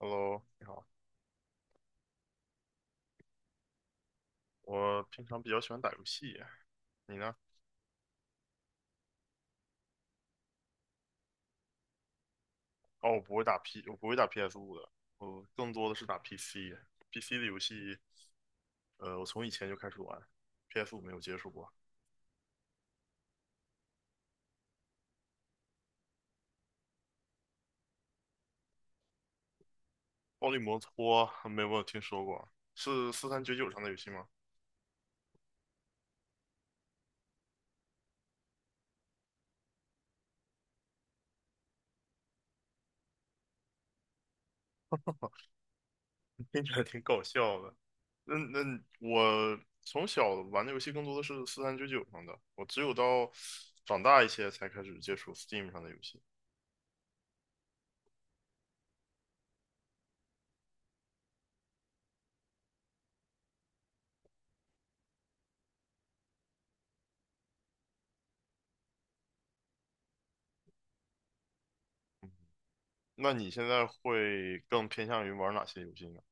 Hello，你好。我平常比较喜欢打游戏，你呢？哦，我不会打 P，我不会打 p s 五的，我更多的是打 PC。PC 的游戏，我从以前就开始玩 p s 五没有接触过。暴力摩托没有听说过，是四三九九上的游戏吗？听起来挺搞笑的。那我从小玩的游戏更多的是四三九九上的，我只有到长大一些才开始接触 Steam 上的游戏。那你现在会更偏向于玩哪些游戏呢？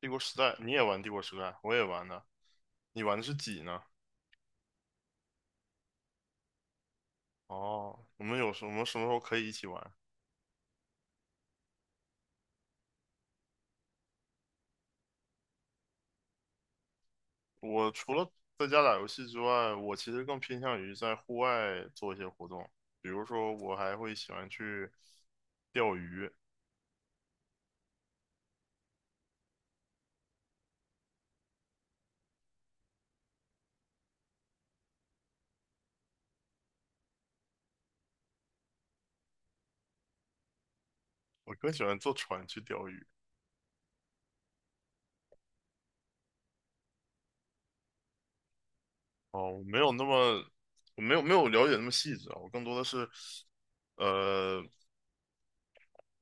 帝国时代，你也玩帝国时代，我也玩的。你玩的是几呢？哦，我们什么时候可以一起玩？我除了在家打游戏之外，我其实更偏向于在户外做一些活动，比如说我还会喜欢去钓鱼，我更喜欢坐船去钓鱼。哦，我没有那么，我没有了解那么细致啊，我更多的是，呃，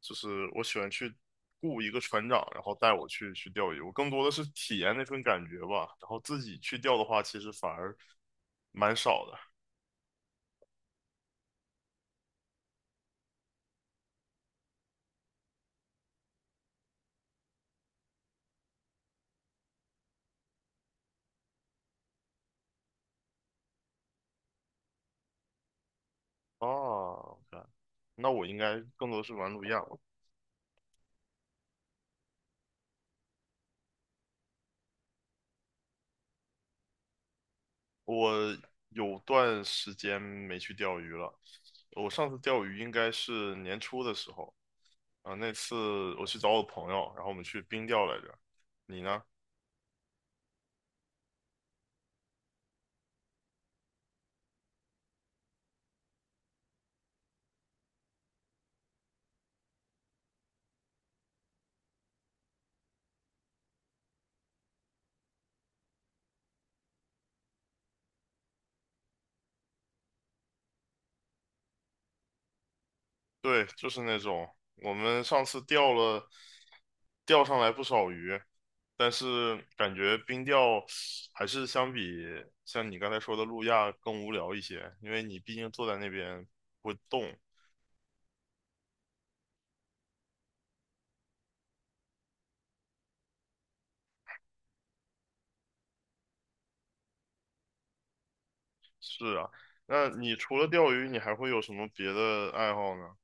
就是我喜欢去雇一个船长，然后带我去钓鱼。我更多的是体验那份感觉吧。然后自己去钓的话，其实反而蛮少的。啊。o k， 那我应该更多是玩不一样。我有段时间没去钓鱼了。我上次钓鱼应该是年初的时候啊，那次我去找我朋友，然后我们去冰钓来着。你呢？对，就是那种。我们上次钓上来不少鱼，但是感觉冰钓还是相比像你刚才说的路亚更无聊一些，因为你毕竟坐在那边不动。是啊，那你除了钓鱼，你还会有什么别的爱好呢？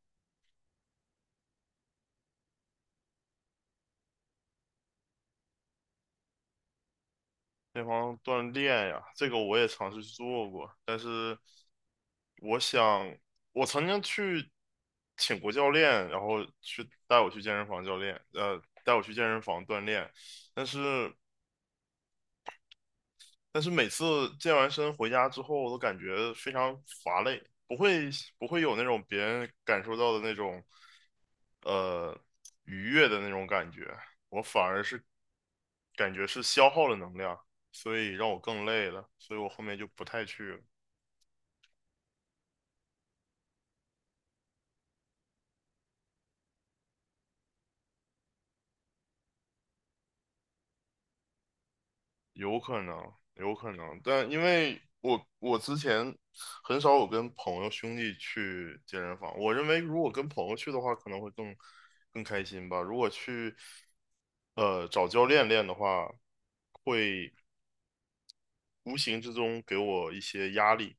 那方锻炼呀，这个我也尝试去做过，但是我想，我曾经去请过教练，然后去带我去健身房教练，呃，带我去健身房锻炼，但是但是每次健完身回家之后，我都感觉非常乏累，不会有那种别人感受到的那种呃愉悦的那种感觉，我反而是感觉是消耗了能量，所以让我更累了，所以我后面就不太去了。有可能，有可能，但因为我之前很少有跟朋友兄弟去健身房，我认为如果跟朋友去的话，可能会更开心吧。如果去找教练练的话，会无形之中给我一些压力。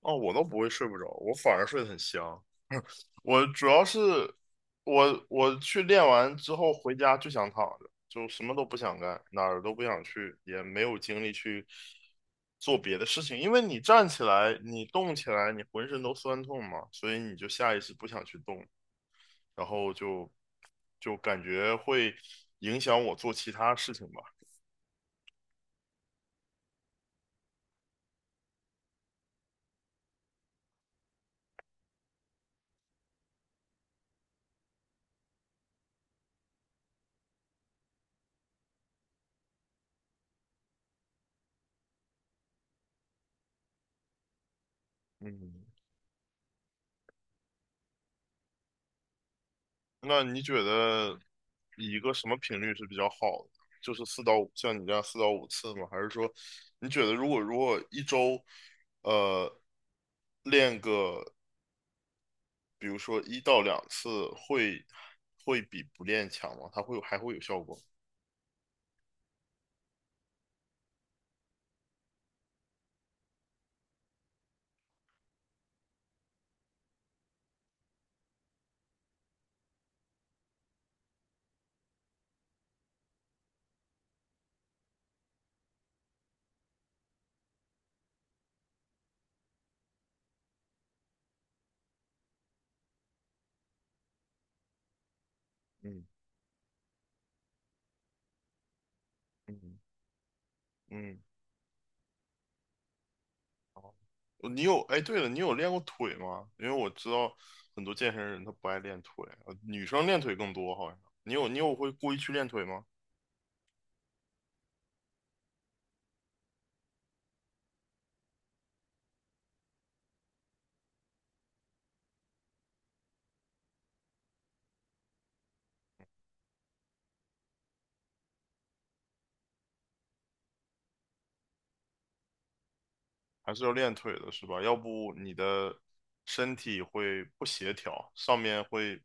哦，我倒不会睡不着，我反而睡得很香。我主要是我去练完之后回家就想躺着，就什么都不想干，哪儿都不想去，也没有精力去做别的事情。因为你站起来，你动起来，你浑身都酸痛嘛，所以你就下意识不想去动，然后就就感觉会影响我做其他事情吧。嗯，那你觉得一个什么频率是比较好的？就是四到五，像你这样四到五次吗？还是说，你觉得如果一周，呃，练个比如说一到两次会，会比不练强吗？它会有效果？嗯。嗯。嗯。哦你有，哎，对了，你有练过腿吗？因为我知道很多健身人他不爱练腿，呃女生练腿更多好像。你有会故意去练腿吗？还是要练腿的，是吧？要不你的身体会不协调，上面会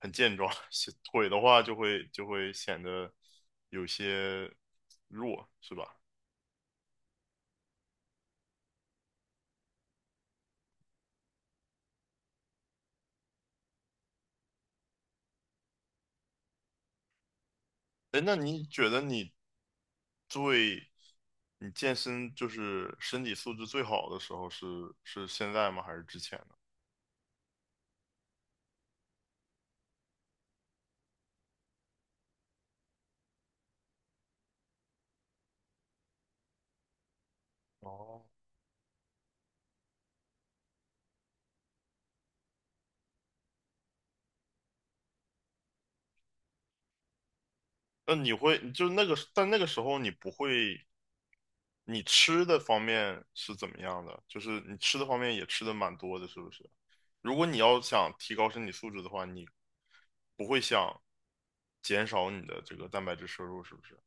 很健壮，协腿的话就会显得有些弱，是吧？哎，那你觉得最你健身就是身体素质最好的时候是现在吗？还是之前呢？哦，那你会就那个，但那个时候你不会，你吃的方面是怎么样的？就是你吃的方面也吃的蛮多的，是不是？如果你要想提高身体素质的话，你不会想减少你的这个蛋白质摄入，是不是？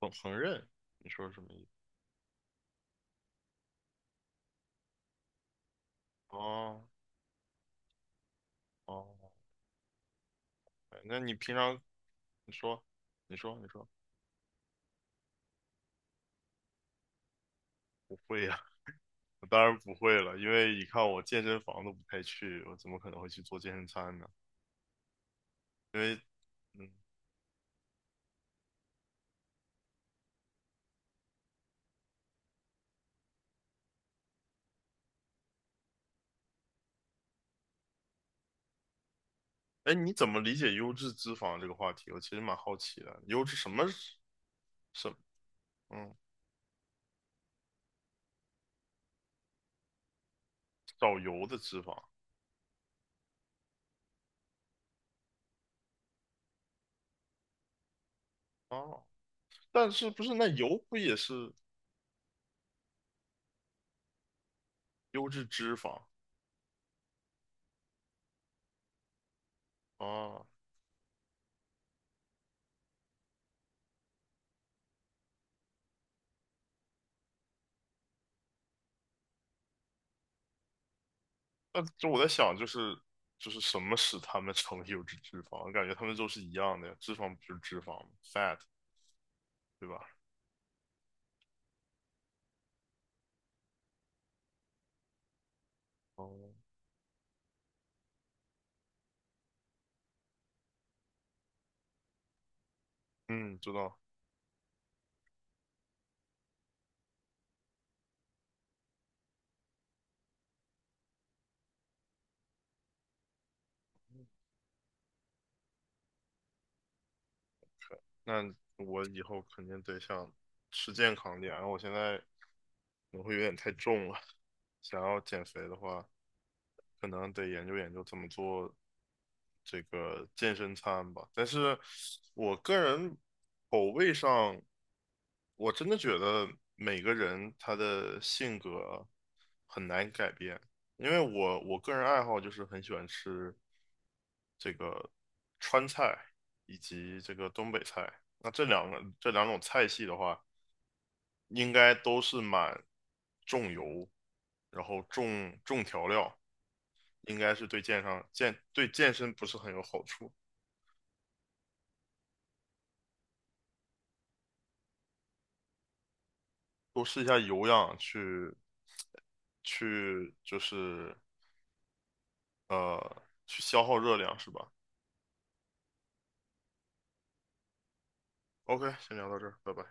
烹饪，你说什么意思？哦，哦，哎那你平常。你说，你说，不会呀、我当然不会了，因为一看我健身房都不太去，我怎么可能会去做健身餐呢？因为。嗯，哎，你怎么理解优质脂肪这个话题？我其实蛮好奇的，优质什么什嗯，少油的脂肪啊？但是不是那油不也是优质脂肪啊？那就我在想，就是什么使它们成为优质脂肪？我感觉它们都是一样的呀，脂肪不就是脂肪吗？fat 对吧？哦，嗯，知道。那我以后肯定得想吃健康点，我现在可能会有点太重了，想要减肥的话。可能得研究研究怎么做这个健身餐吧。但是我个人口味上，我真的觉得每个人他的性格很难改变，因为我个人爱好就是很喜欢吃这个川菜以及这个东北菜。那这两个这两种菜系的话，应该都是蛮重油，然后重调料。应该是对健上健对健身不是很有好处。多试一下有氧去就是去消耗热量是吧？OK，先聊到这儿，拜拜。